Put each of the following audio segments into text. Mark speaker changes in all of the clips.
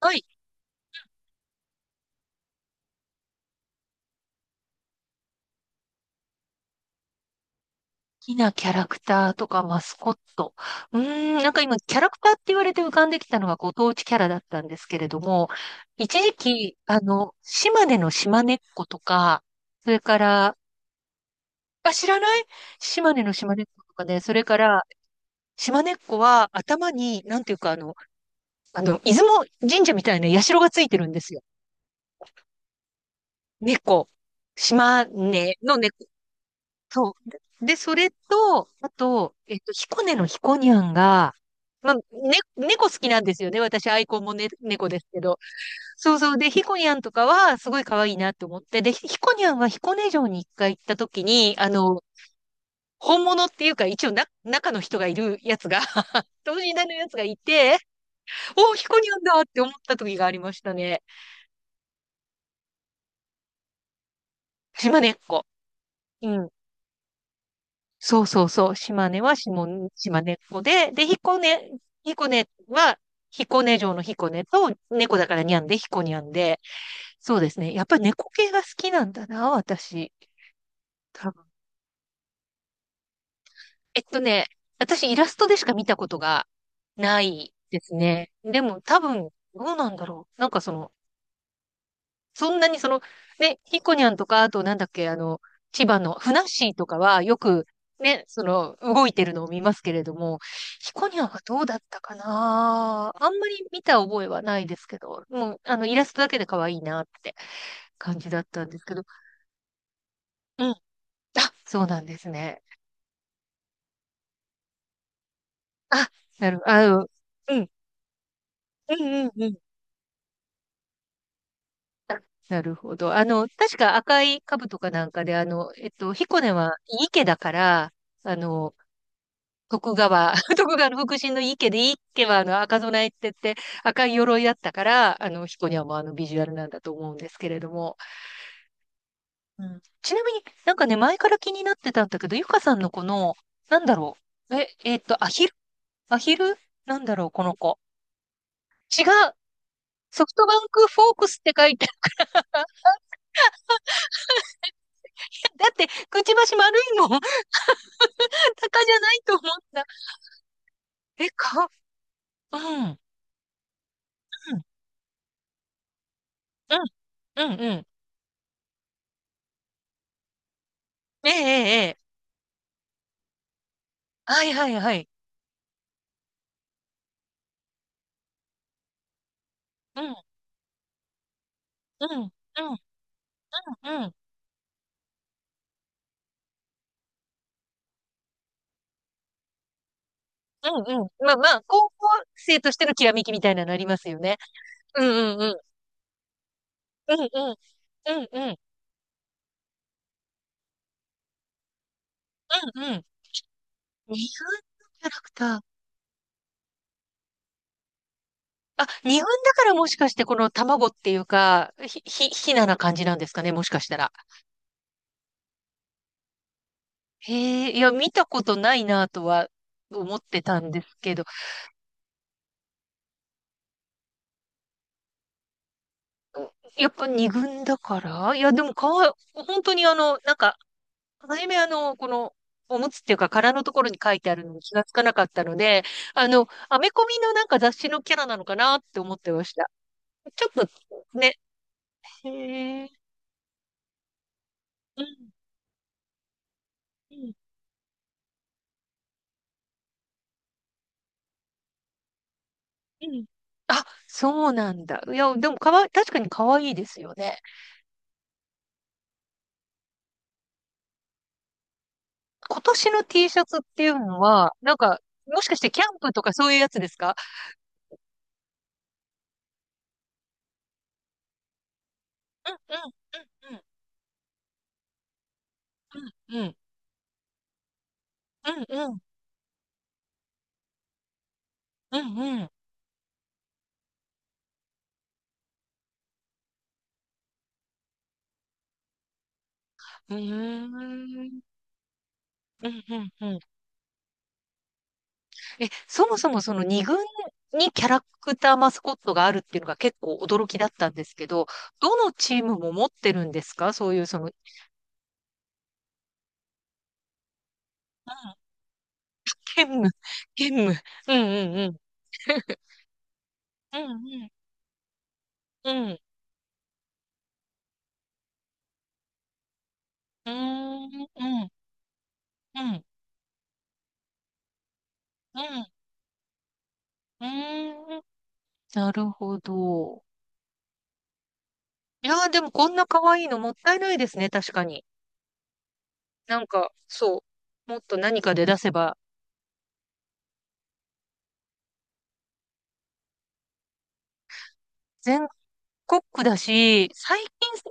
Speaker 1: はい。好きなキャラクターとかマスコット。うーん、なんか今、キャラクターって言われて浮かんできたのがご当地キャラだったんですけれども、一時期、島根の島根っ子とか、それから、あ、知らない。島根の島根っ子とかね、それから、島根っ子は頭に、なんていうか、出雲神社みたいな社がついてるんですよ。猫。島根の猫。そう。で、それと、あと、彦根の彦にゃんが、まあ、ね、猫好きなんですよね。私、アイコンもね、猫ですけど。そうそう。で、彦にゃんとかは、すごい可愛いなって思って。で、彦にゃんは彦根城に一回行った時に、本物っていうか、一応な、中の人がいるやつが 等身大 のやつがいて、おー、彦にゃんだって思った時がありましたね。島根っこ。うん。そうそうそう。島根っ子で、彦根は、彦根城の彦根と、猫だからにゃんで、彦にゃんで。そうですね。やっぱり猫系が好きなんだな、私。多分。えっとね、私イラストでしか見たことがないですね。でも多分、どうなんだろう。なんかその、そんなにその、ね、ヒコニャンとか、あとなんだっけ、あの、千葉のふなっしーとかはよくね、その、動いてるのを見ますけれども、ヒコニャンはどうだったかなあんまり見た覚えはないですけど、もう、イラストだけで可愛いなって感じだったんですけど、うん。あ、そうなんですね。あ、なる、あの、うん、うん、うん、うん。あなるほど。確か赤い兜かなんかで、ヒコネは池だから、あの、徳川の福神の池で、池はあの赤備えって言って赤い鎧だったから、彦にはもうあのビジュアルなんだと思うんですけれども。うん。ちなみになんかね、前から気になってたんだけど、ゆかさんのこの、なんだろう。アヒルなんだろう、この子。違う。ソフトバンクフォークスって書いて、だって、くちばし丸いもん。鷹じゃないと思った。え、か、うん、うん、うん、うん、うん。ええ、ええ、ええはいはいはい。うん、うん、うん。うん。うんうん。まあまあ、高校生としてのきらめきみたいなのありますよね。うんうんうん。うんうん。うんうん。うんうん。日本のキャラクター。あ、日本だからもしかしてこの卵っていうか、ひなな感じなんですかね、もしかしたら。へえ、いや、見たことないなとは思ってたんですけど、やっぱ二軍だからいや、でもかわい、本当にあの、なんかはじめあのこのおむつっていうか殻のところに書いてあるの気がつかなかったのであのアメコミのなんか雑誌のキャラなのかなって思ってましたちょっとねうんうんうんあそうなんだいやでもかわ確かに可愛いですよね今年の T シャツっていうのはなんかもしかしてキャンプとかそういうやつですかうんうんうんうんうんうんうんうんうんうんうんうんうんえ、そもそもその二軍にキャラクターマスコットがあるっていうのが結構驚きだったんですけど、どのチームも持ってるんですかそういうその、うん、兼務、兼務。うんうんうん。うんうんうん。うーんうんうんうんうーんなるほど。いやー、でもこんな可愛いのもったいないですね、確かに。なんか、そう。もっと何かで出せば、全コックだし、最近、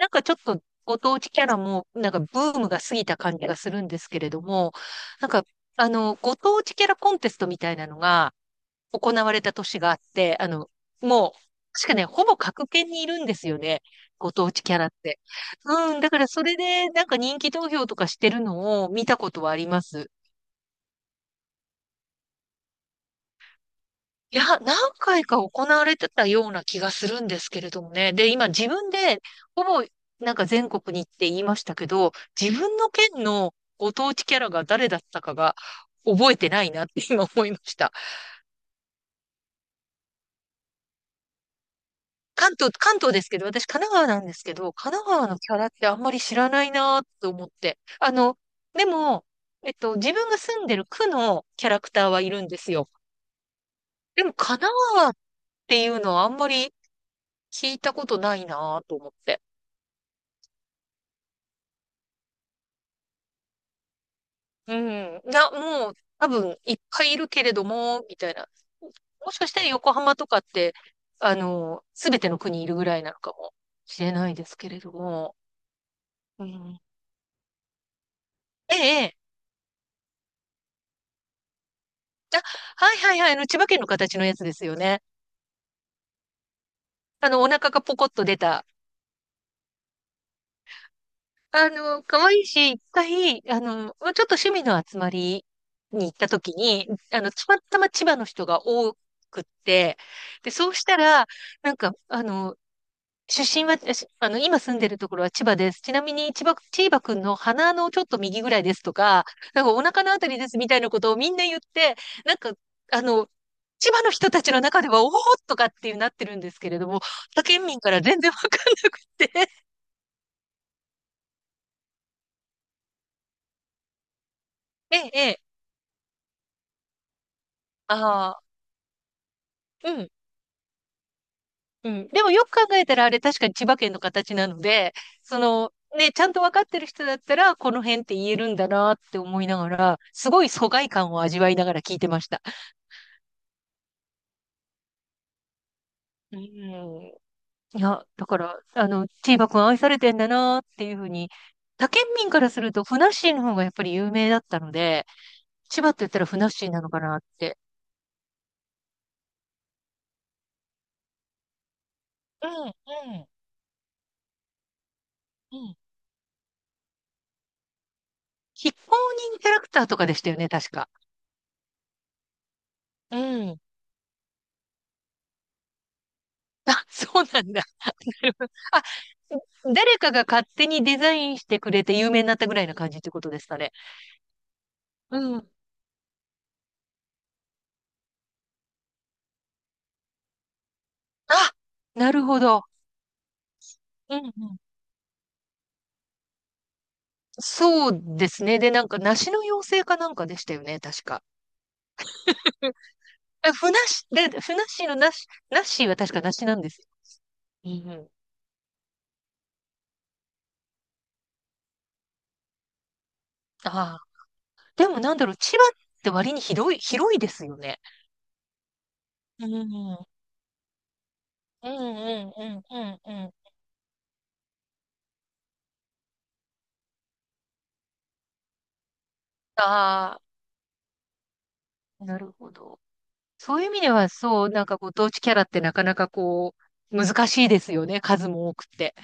Speaker 1: なんかちょっとご当地キャラも、なんかブームが過ぎた感じがするんですけれども、なんか、ご当地キャラコンテストみたいなのが行われた年があって、もう、確かね、ほぼ各県にいるんですよね。ご当地キャラって。うん、だからそれで、なんか人気投票とかしてるのを見たことはあります。いや、何回か行われてたような気がするんですけれどもね。で、今自分で、ほぼ、なんか全国に行って言いましたけど、自分の県のご当地キャラが誰だったかが覚えてないなって今思いました。関東ですけど、私神奈川なんですけど、神奈川のキャラってあんまり知らないなと思って。あの、でも、自分が住んでる区のキャラクターはいるんですよ。でも神奈川っていうのはあんまり聞いたことないなと思って。うん。いや、もう、多分、いっぱいいるけれども、みたいな。もしかしたら横浜とかって、すべての国いるぐらいなのかもしれないですけれども。うん。ええ、ええ。あ、はいはいはい。あの千葉県の形のやつですよね。お腹がポコッと出た。可愛いし、一回、まあちょっと趣味の集まりに行った時に、たまたま千葉の人が多くって、で、そうしたら、なんか、出身は、しあの、今住んでるところは千葉です。ちなみに、千葉くんの鼻のちょっと右ぐらいですとか、なんかお腹のあたりですみたいなことをみんな言って、なんか、あの、千葉の人たちの中では、おおとかっていうなってるんですけれども、他県民から全然わかんなくて。ええ、ええ、ああ、うん、うん。でもよく考えたら、あれ確かに千葉県の形なので、その、ね、ちゃんとわかってる人だったら、この辺って言えるんだなって思いながら、すごい疎外感を味わいながら聞いてました。うん。いや、だから、チーバくん愛されてんだなっていうふうに、他県民からすると、ふなっしーの方がやっぱり有名だったので、千葉って言ったらふなっしーなのかなって。うん、うん、うん。非公認キャラクターとかでしたよね、確か。うん。あ、そうなんだ。なるほどあ、誰かが勝手にデザインしてくれて有名になったぐらいな感じってことですかね。うん。あ、なるほど。うんうん。そうですね。で、なんか、梨の妖精かなんかでしたよね、確か。え、ふなっしーのなし、なっしーは確かなしなんですよ。うんうん。ああ。でもなんだろう、千葉って割に広い、広いですよね。うんうん。うんうんうんうんうん。ああ、なるほど。そういう意味では、そう、なんかご当地キャラってなかなかこう、難しいですよね。数も多くて。